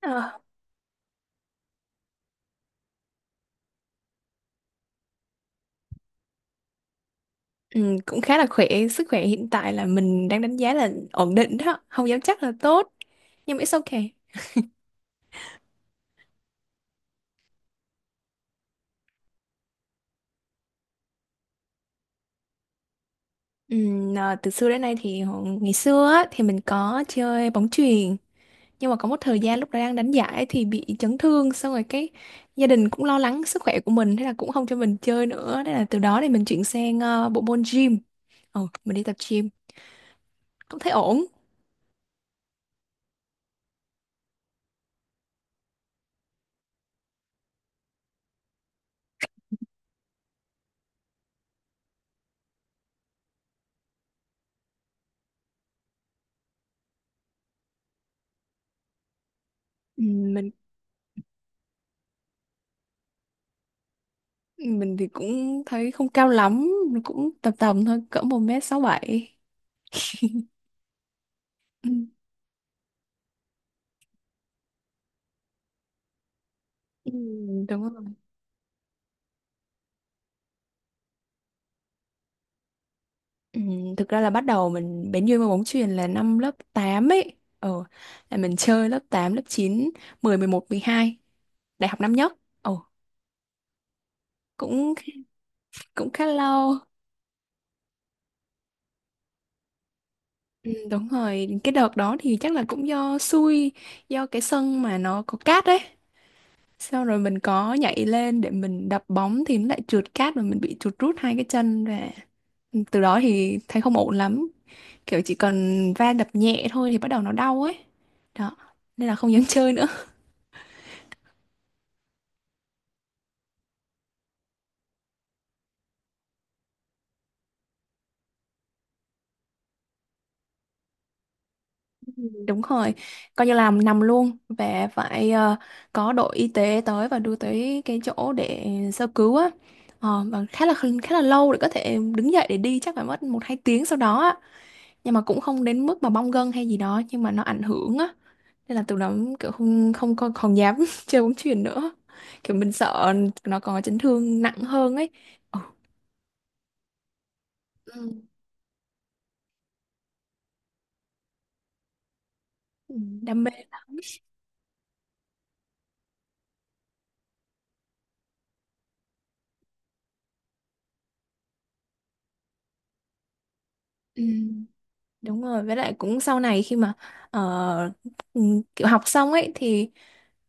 Ờ. Ừ, cũng khá là khỏe. Sức khỏe hiện tại là mình đang đánh giá là ổn định đó, không dám chắc là tốt, nhưng mà it's okay. Ừ, à, từ xưa đến nay thì ngày xưa á, thì mình có chơi bóng chuyền, nhưng mà có một thời gian lúc đó đang đánh giải thì bị chấn thương, xong rồi cái gia đình cũng lo lắng sức khỏe của mình, thế là cũng không cho mình chơi nữa. Thế là từ đó thì mình chuyển sang bộ môn gym. Ừ, mình đi tập gym cũng thấy ổn. Ừ, mình mình thì cũng thấy không cao lắm, cũng tầm tầm thôi, cỡ 1m67. Ừ, ừ, đúng rồi. Ừ, thực ra là bắt đầu mình bén duyên với bóng chuyền là năm lớp 8 ấy. Ờ, là mình chơi lớp 8, lớp 9, 10, 11, 12, đại học năm nhất. Ồ, cũng cũng khá lâu. Ừ, đúng rồi, cái đợt đó thì chắc là cũng do xui, do cái sân mà nó có cát đấy. Sau rồi mình có nhảy lên để mình đập bóng thì nó lại trượt cát và mình bị trượt rút hai cái chân ra. Ừ, từ đó thì thấy không ổn lắm, kiểu chỉ cần va đập nhẹ thôi thì bắt đầu nó đau ấy. Đó nên là không dám chơi nữa. Đúng rồi, coi như làm nằm luôn và phải có đội y tế tới và đưa tới cái chỗ để sơ cứu á. Ờ, và khá là lâu để có thể đứng dậy để đi, chắc phải mất một hai tiếng sau đó á, nhưng mà cũng không đến mức mà bong gân hay gì đó, nhưng mà nó ảnh hưởng á, nên là từ đó kiểu không không còn dám chơi bóng chuyền nữa, kiểu mình sợ nó còn chấn thương nặng hơn ấy. Ừ. Ừ, đam mê lắm. Ừ. Đúng rồi, với lại cũng sau này khi mà ờ, ừ, kiểu học xong ấy thì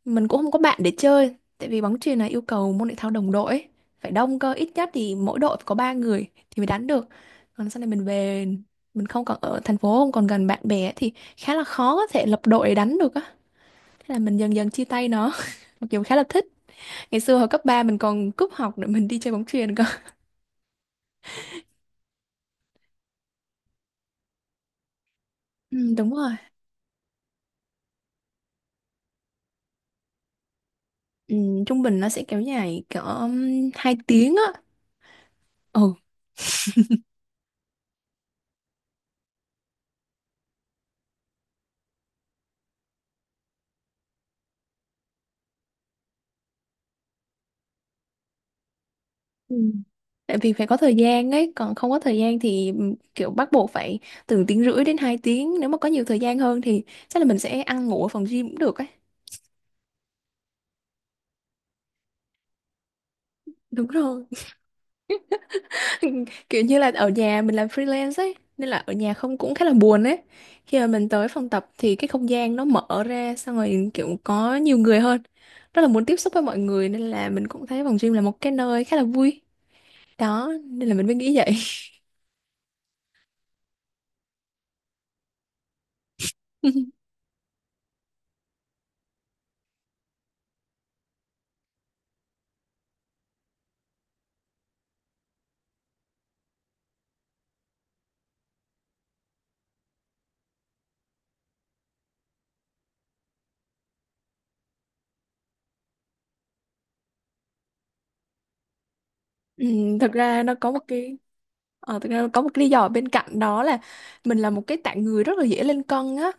mình cũng không có bạn để chơi, tại vì bóng chuyền là yêu cầu môn thể thao đồng đội ấy. Phải đông cơ, ít nhất thì mỗi đội phải có 3 người thì mới đánh được. Còn sau này mình về, mình không còn ở thành phố, không còn gần bạn bè thì khá là khó có thể lập đội để đánh được á. Thế là mình dần dần chia tay nó. Mặc dù khá là thích. Ngày xưa hồi cấp 3 mình còn cúp học để mình đi chơi bóng chuyền cơ. Ừ, đúng rồi. Ừ, trung bình nó sẽ kéo dài cỡ 2 tiếng á. Ừ. Ừ. Tại vì phải có thời gian ấy, còn không có thời gian thì kiểu bắt buộc phải từ tiếng rưỡi đến 2 tiếng, nếu mà có nhiều thời gian hơn thì chắc là mình sẽ ăn ngủ ở phòng gym cũng được ấy. Đúng rồi. Kiểu như là ở nhà mình làm freelance ấy, nên là ở nhà không cũng khá là buồn ấy. Khi mà mình tới phòng tập thì cái không gian nó mở ra, xong rồi kiểu có nhiều người hơn. Rất là muốn tiếp xúc với mọi người nên là mình cũng thấy phòng gym là một cái nơi khá là vui. Đó, nên là mình mới nghĩ vậy. Ừ, thực ra nó có một cái thực ra nó có một cái lý do bên cạnh đó là mình là một cái tạng người rất là dễ lên cân á.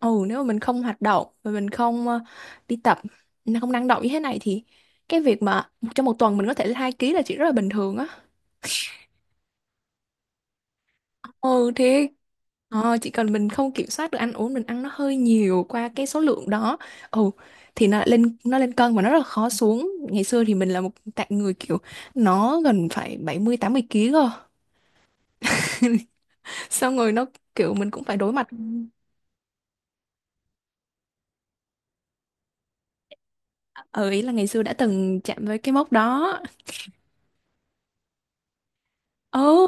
Ừ, nếu mà mình không hoạt động và mình không đi tập, mình không năng động như thế này thì cái việc mà trong một tuần mình có thể lên 2 ký là chuyện rất là bình thường á. Ừ thì chỉ cần mình không kiểm soát được ăn uống, mình ăn nó hơi nhiều qua cái số lượng đó. Ừ thì nó lên cân mà nó rất là khó xuống. Ngày xưa thì mình là một tạng người kiểu nó gần phải 70-80 ký cơ. Xong rồi nó kiểu mình cũng phải đối mặt. Ừ, ý là ngày xưa đã từng chạm với cái mốc đó. Ừ,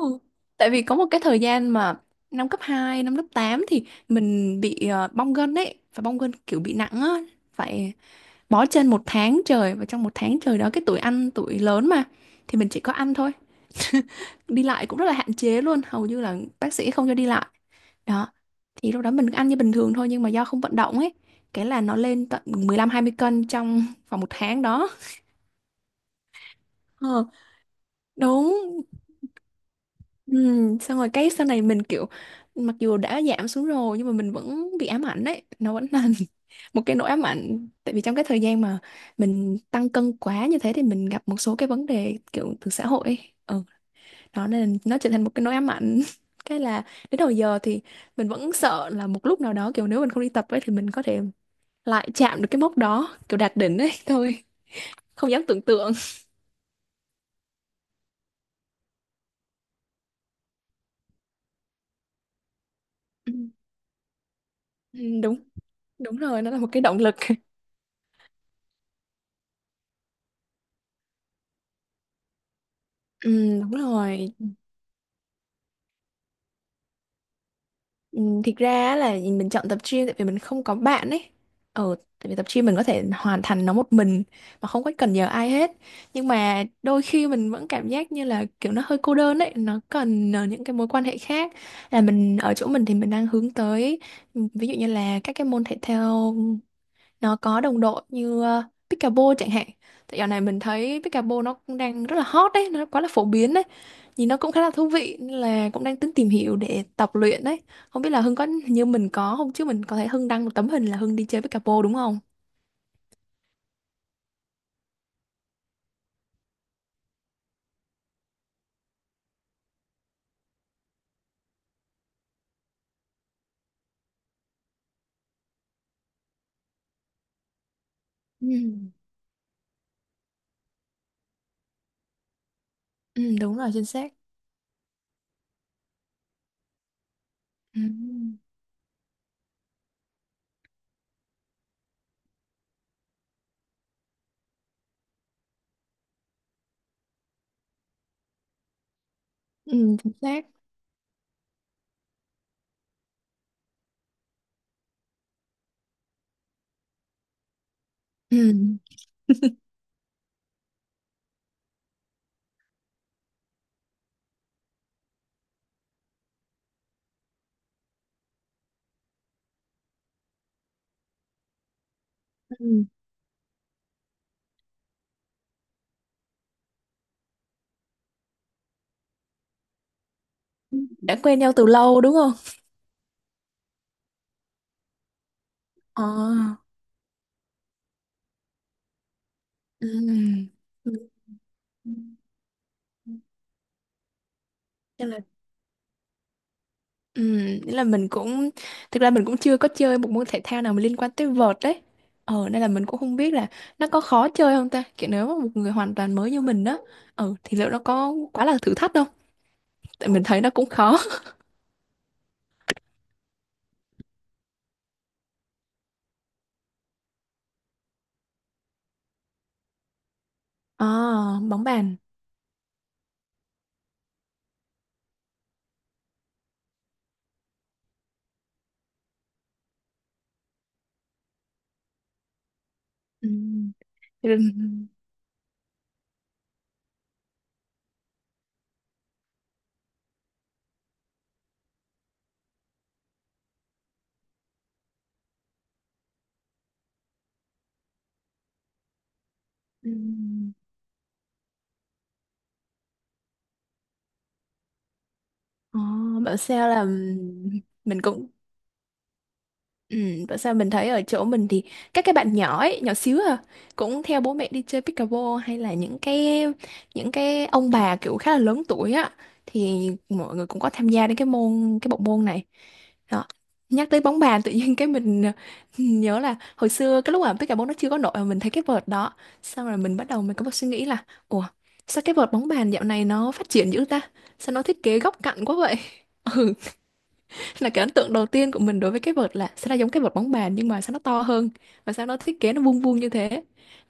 tại vì có một cái thời gian mà năm cấp hai, năm lớp 8 thì mình bị bong gân ấy, và bong gân kiểu bị nặng á, phải bó chân một tháng trời. Và trong một tháng trời đó cái tuổi ăn tuổi lớn mà, thì mình chỉ có ăn thôi, đi lại cũng rất là hạn chế luôn, hầu như là bác sĩ không cho đi lại. Đó thì lúc đó mình ăn như bình thường thôi nhưng mà do không vận động ấy, cái là nó lên tận 15-20 cân trong vòng một tháng đó. Ờ, đúng. Ừ, xong rồi cái sau này mình kiểu mặc dù đã giảm xuống rồi nhưng mà mình vẫn bị ám ảnh đấy, nó vẫn là một cái nỗi ám ảnh. Tại vì trong cái thời gian mà mình tăng cân quá như thế thì mình gặp một số cái vấn đề kiểu từ xã hội ấy. Ừ, đó nên nó trở thành một cái nỗi ám ảnh. Cái là đến đầu giờ thì mình vẫn sợ là một lúc nào đó, kiểu nếu mình không đi tập ấy thì mình có thể lại chạm được cái mốc đó, kiểu đạt đỉnh ấy. Thôi không dám tưởng tượng. Ừ, đúng, đúng rồi, nó là một cái động lực. Ừ, đúng rồi. Ừ, thực ra á là mình chọn tập gym tại vì mình không có bạn ấy. Ừ, tại vì tập gym mình có thể hoàn thành nó một mình mà không có cần nhờ ai hết. Nhưng mà đôi khi mình vẫn cảm giác như là kiểu nó hơi cô đơn ấy, nó cần những cái mối quan hệ khác. Là mình ở chỗ mình thì mình đang hướng tới ví dụ như là các cái môn thể thao nó có đồng đội như pickleball chẳng hạn. Tại dạo này mình thấy pickleball nó cũng đang rất là hot đấy, nó quá là phổ biến đấy, nhìn nó cũng khá là thú vị, nên là cũng đang tính tìm hiểu để tập luyện đấy. Không biết là Hưng có như mình có không, chứ mình có thấy Hưng đăng một tấm hình là Hưng đi chơi pickleball đúng không. Ừ. Ừ, đúng rồi, chính xác. Ừ. Ừ, chính xác. Ừ. Ừ. Đã quen nhau từ lâu đúng không. Ờ, ừ. Ừ. Ừ. Ừm, nghĩa là mình cũng thực ra mình cũng chưa có chơi một môn thể thao nào mà liên quan tới vợt đấy. Ờ nên là mình cũng không biết là nó có khó chơi không ta. Kiểu nếu mà một người hoàn toàn mới như mình đó, ờ thì liệu nó có quá là thử thách không? Tại mình thấy nó cũng khó. À, bóng bàn. Ừm. Ừm. Ừm. Ờ, bảo sao là mình cũng. Ừ, tại sao mình thấy ở chỗ mình thì các cái bạn nhỏ ấy, nhỏ xíu à, cũng theo bố mẹ đi chơi pickleball, hay là những cái ông bà kiểu khá là lớn tuổi á, thì mọi người cũng có tham gia đến cái môn cái bộ môn này. Đó. Nhắc tới bóng bàn tự nhiên cái mình nhớ là hồi xưa cái lúc mà pickleball nó chưa có nổi mà mình thấy cái vợt đó, xong rồi mình bắt đầu mình có một suy nghĩ là: ủa sao cái vợt bóng bàn dạo này nó phát triển dữ ta, sao nó thiết kế góc cạnh quá vậy. Ừ, là cái ấn tượng đầu tiên của mình đối với cái vợt là sao nó giống cái vợt bóng bàn nhưng mà sao nó to hơn và sao nó thiết kế nó vuông vuông như thế.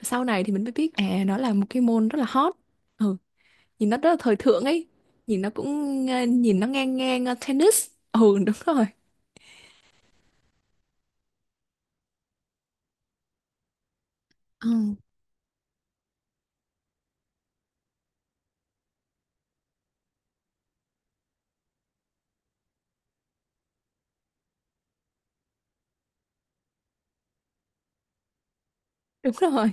Sau này thì mình mới biết à nó là một cái môn rất là hot. Ừ, nhìn nó rất là thời thượng ấy, nhìn nó cũng nhìn nó ngang ngang tennis. Ừ, đúng rồi. Ừ, đúng rồi.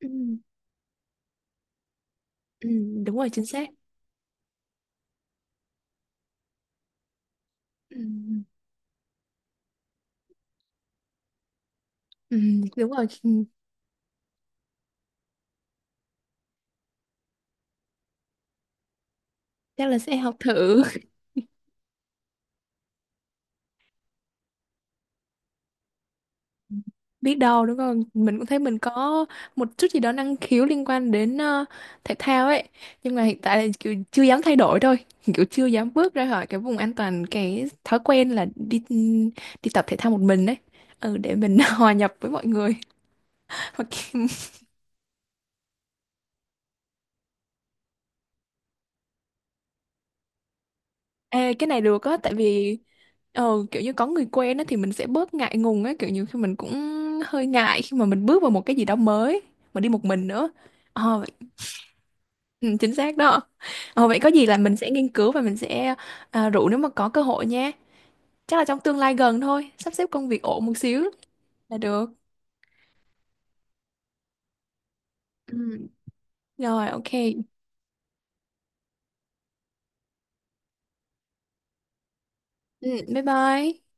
Ừ, ừ, đúng rồi, chính xác. Ừ, ừ, đúng rồi. Ừ, chắc là sẽ học thử. Biết đâu đúng không, mình cũng thấy mình có một chút gì đó năng khiếu liên quan đến thể thao ấy, nhưng mà hiện tại là kiểu chưa dám thay đổi thôi. Kiểu chưa dám bước ra khỏi cái vùng an toàn, cái thói quen là đi tập thể thao một mình ấy. Ừ, để mình hòa nhập với mọi người. Hoặc- Ê, cái này được á. Tại vì kiểu như có người quen á thì mình sẽ bớt ngại ngùng á, kiểu như khi mình cũng hơi ngại khi mà mình bước vào một cái gì đó mới mà đi một mình nữa. Ờ. Ừ, chính xác đó. Ờ, vậy có gì là mình sẽ nghiên cứu và mình sẽ à, rủ nếu mà có cơ hội nha. Chắc là trong tương lai gần thôi, sắp xếp công việc ổn một xíu là được. Ừ. Rồi, ok. Ừ, bye bye.